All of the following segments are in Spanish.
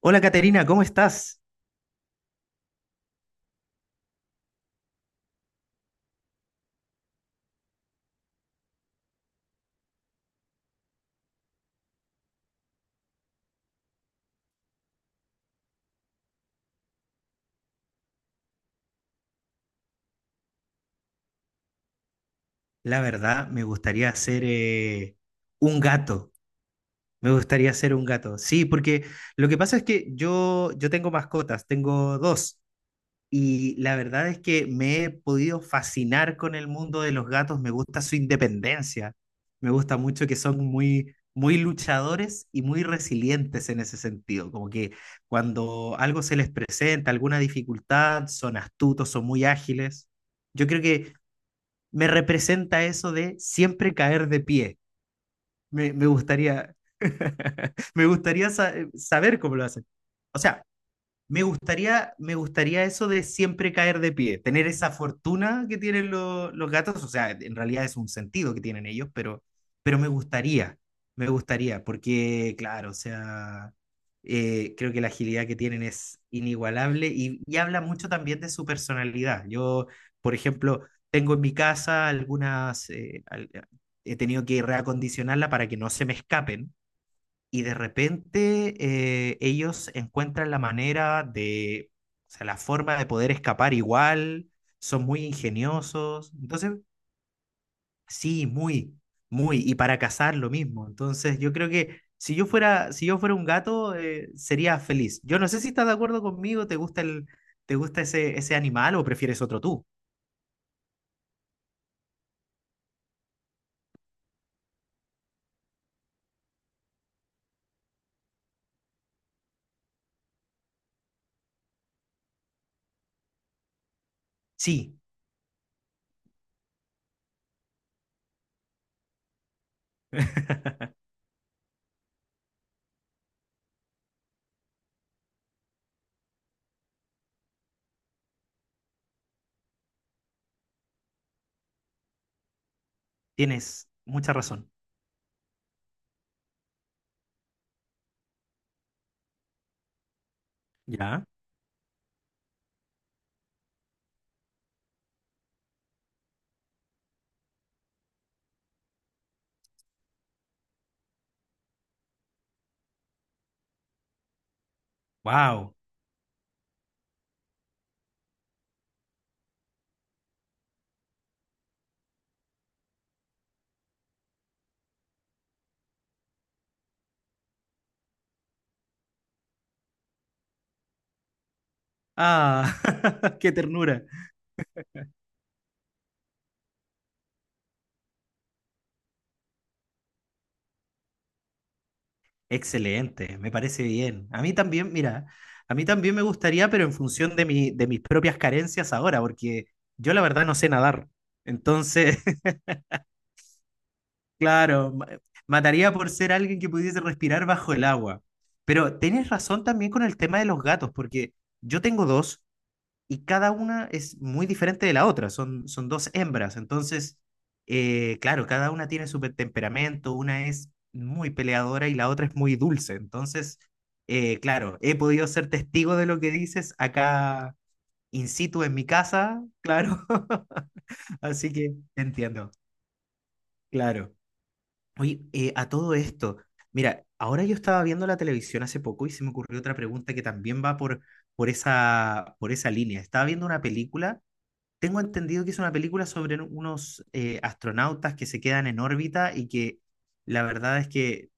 Hola Caterina, ¿cómo estás? La verdad, me gustaría ser un gato. Me gustaría ser un gato. Sí, porque lo que pasa es que yo tengo mascotas, tengo dos. Y la verdad es que me he podido fascinar con el mundo de los gatos. Me gusta su independencia. Me gusta mucho que son muy, muy luchadores y muy resilientes en ese sentido. Como que cuando algo se les presenta, alguna dificultad, son astutos, son muy ágiles. Yo creo que me representa eso de siempre caer de pie. Me gustaría, me gustaría saber cómo lo hacen. O sea, me gustaría eso de siempre caer de pie, tener esa fortuna que tienen los gatos, o sea, en realidad es un sentido que tienen ellos, pero me gustaría, porque claro, o sea, creo que la agilidad que tienen es inigualable y habla mucho también de su personalidad. Yo, por ejemplo, tengo en mi casa algunas, he tenido que reacondicionarla para que no se me escapen y de repente ellos encuentran la manera de, o sea, la forma de poder escapar igual, son muy ingeniosos. Entonces, sí, muy, muy. Y para cazar lo mismo. Entonces, yo creo que si yo fuera, si yo fuera un gato, sería feliz. Yo no sé si estás de acuerdo conmigo, ¿te gusta el, te gusta ese, ese animal o prefieres otro tú? Sí, tienes mucha razón. Ya. Wow. Ah, qué ternura. Excelente, me parece bien. A mí también, mira, a mí también me gustaría, pero en función de mi, de mis propias carencias ahora, porque yo la verdad no sé nadar. Entonces, claro, mataría por ser alguien que pudiese respirar bajo el agua. Pero tenés razón también con el tema de los gatos, porque yo tengo dos y cada una es muy diferente de la otra, son, son dos hembras, entonces, claro, cada una tiene su temperamento, una es muy peleadora y la otra es muy dulce, entonces, claro, he podido ser testigo de lo que dices acá in situ en mi casa, claro, así que entiendo, claro. Oye, a todo esto, mira, ahora yo estaba viendo la televisión hace poco y se me ocurrió otra pregunta que también va por esa línea. Estaba viendo una película, tengo entendido que es una película sobre unos astronautas que se quedan en órbita y que la verdad es que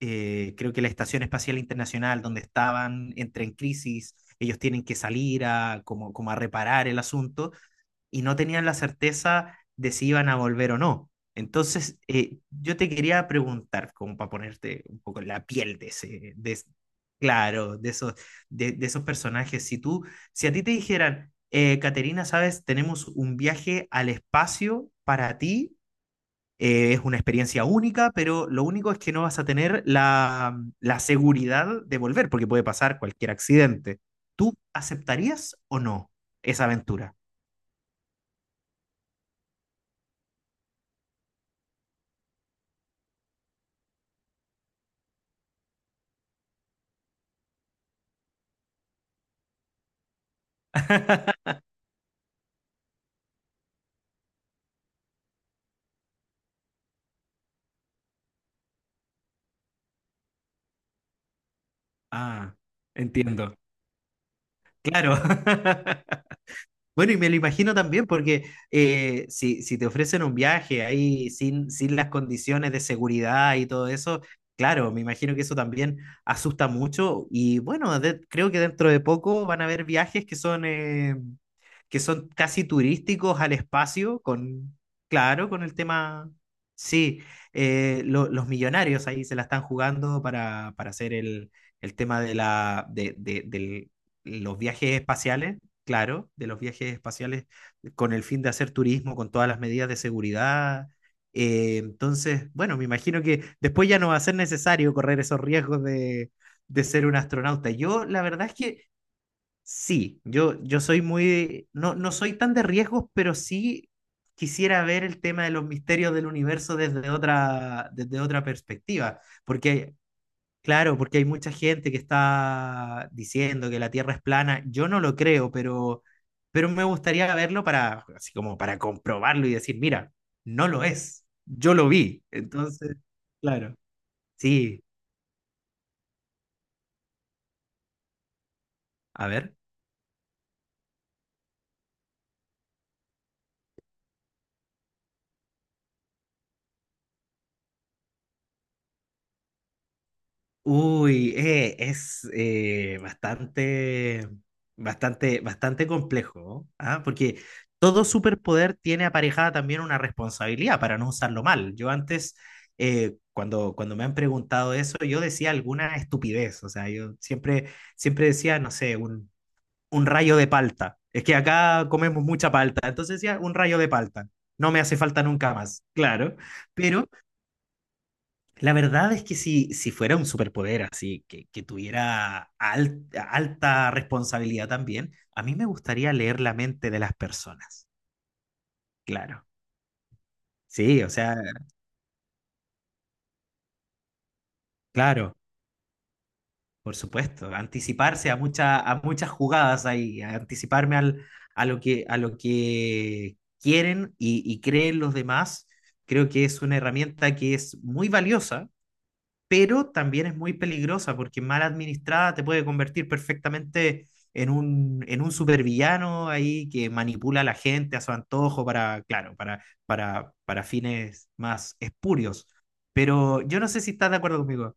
creo que la Estación Espacial Internacional, donde estaban, entra en crisis, ellos tienen que salir a, como, como a reparar el asunto y no tenían la certeza de si iban a volver o no. Entonces, yo te quería preguntar, como para ponerte un poco en la piel de ese, de, claro, de esos personajes, si tú, si a ti te dijeran, Caterina, sabes, tenemos un viaje al espacio para ti, es una experiencia única, pero lo único es que no vas a tener la, la seguridad de volver, porque puede pasar cualquier accidente. ¿Tú aceptarías o no esa aventura? Ah, entiendo. Claro. Bueno, y me lo imagino también porque si, si te ofrecen un viaje ahí sin, sin las condiciones de seguridad y todo eso, claro, me imagino que eso también asusta mucho y bueno, creo que dentro de poco van a haber viajes que son… que son casi turísticos al espacio, con, claro, con el tema, sí, los millonarios ahí se la están jugando para hacer el tema de la, de, los viajes espaciales, claro, de los viajes espaciales con el fin de hacer turismo, con todas las medidas de seguridad. Entonces, bueno, me imagino que después ya no va a ser necesario correr esos riesgos de ser un astronauta. Yo, la verdad es que sí, yo soy muy, no, no soy tan de riesgos, pero sí quisiera ver el tema de los misterios del universo desde otra perspectiva, porque, claro, porque hay mucha gente que está diciendo que la Tierra es plana, yo no lo creo, pero me gustaría verlo para, así como para comprobarlo y decir, mira, no lo es, yo lo vi, entonces, claro, sí, a ver. Uy, es bastante, bastante, bastante complejo, ¿ah? Porque todo superpoder tiene aparejada también una responsabilidad para no usarlo mal. Yo antes, cuando, cuando me han preguntado eso, yo decía alguna estupidez, o sea, yo siempre, siempre decía, no sé, un rayo de palta. Es que acá comemos mucha palta, entonces decía un rayo de palta. No me hace falta nunca más, claro, pero la verdad es que si, si fuera un superpoder así, que tuviera alta responsabilidad también, a mí me gustaría leer la mente de las personas. Claro. Sí, o sea, claro, por supuesto. Anticiparse a muchas jugadas ahí, a anticiparme al, a lo que quieren y creen los demás, creo que es una herramienta que es muy valiosa pero también es muy peligrosa porque mal administrada te puede convertir perfectamente en un supervillano ahí que manipula a la gente a su antojo para, claro, para fines más espurios. Pero yo no sé si estás de acuerdo conmigo.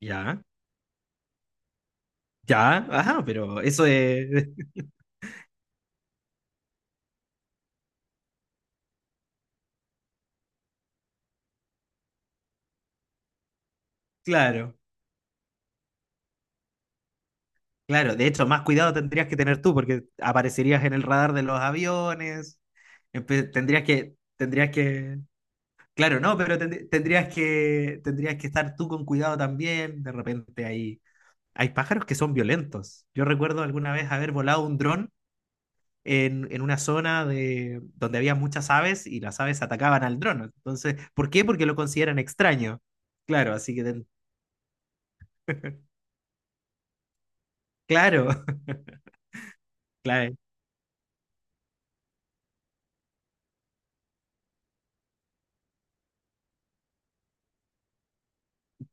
Ya, ya, ajá, pero eso es, claro, claro. De hecho, más cuidado tendrías que tener tú porque aparecerías en el radar de los aviones, tendrías que claro, no, pero tendrías que estar tú con cuidado también. De repente hay, hay pájaros que son violentos. Yo recuerdo alguna vez haber volado un dron en una zona de, donde había muchas aves y las aves atacaban al dron. Entonces, ¿por qué? Porque lo consideran extraño. Claro, así que, claro, claro,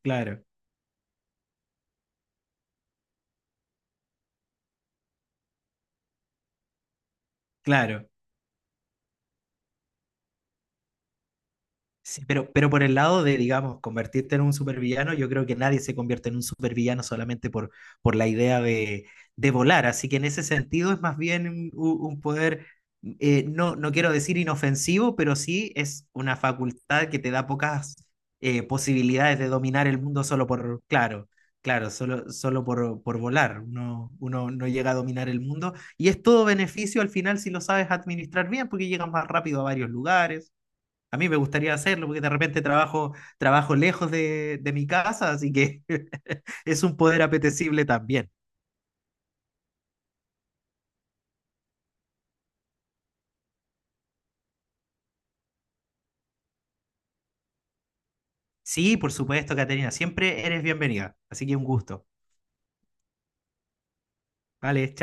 claro, claro. Sí, pero por el lado de, digamos, convertirte en un supervillano, yo creo que nadie se convierte en un supervillano solamente por la idea de volar. Así que en ese sentido es más bien un poder, no, no quiero decir inofensivo, pero sí es una facultad que te da pocas posibilidades de dominar el mundo solo por, claro, claro, solo, solo por volar. Uno, uno no llega a dominar el mundo y es todo beneficio al final si lo sabes administrar bien, porque llegas más rápido a varios lugares a mí me gustaría hacerlo porque de repente trabajo, trabajo lejos de mi casa, así que es un poder apetecible también. Sí, por supuesto, Caterina, siempre eres bienvenida, así que un gusto. Vale,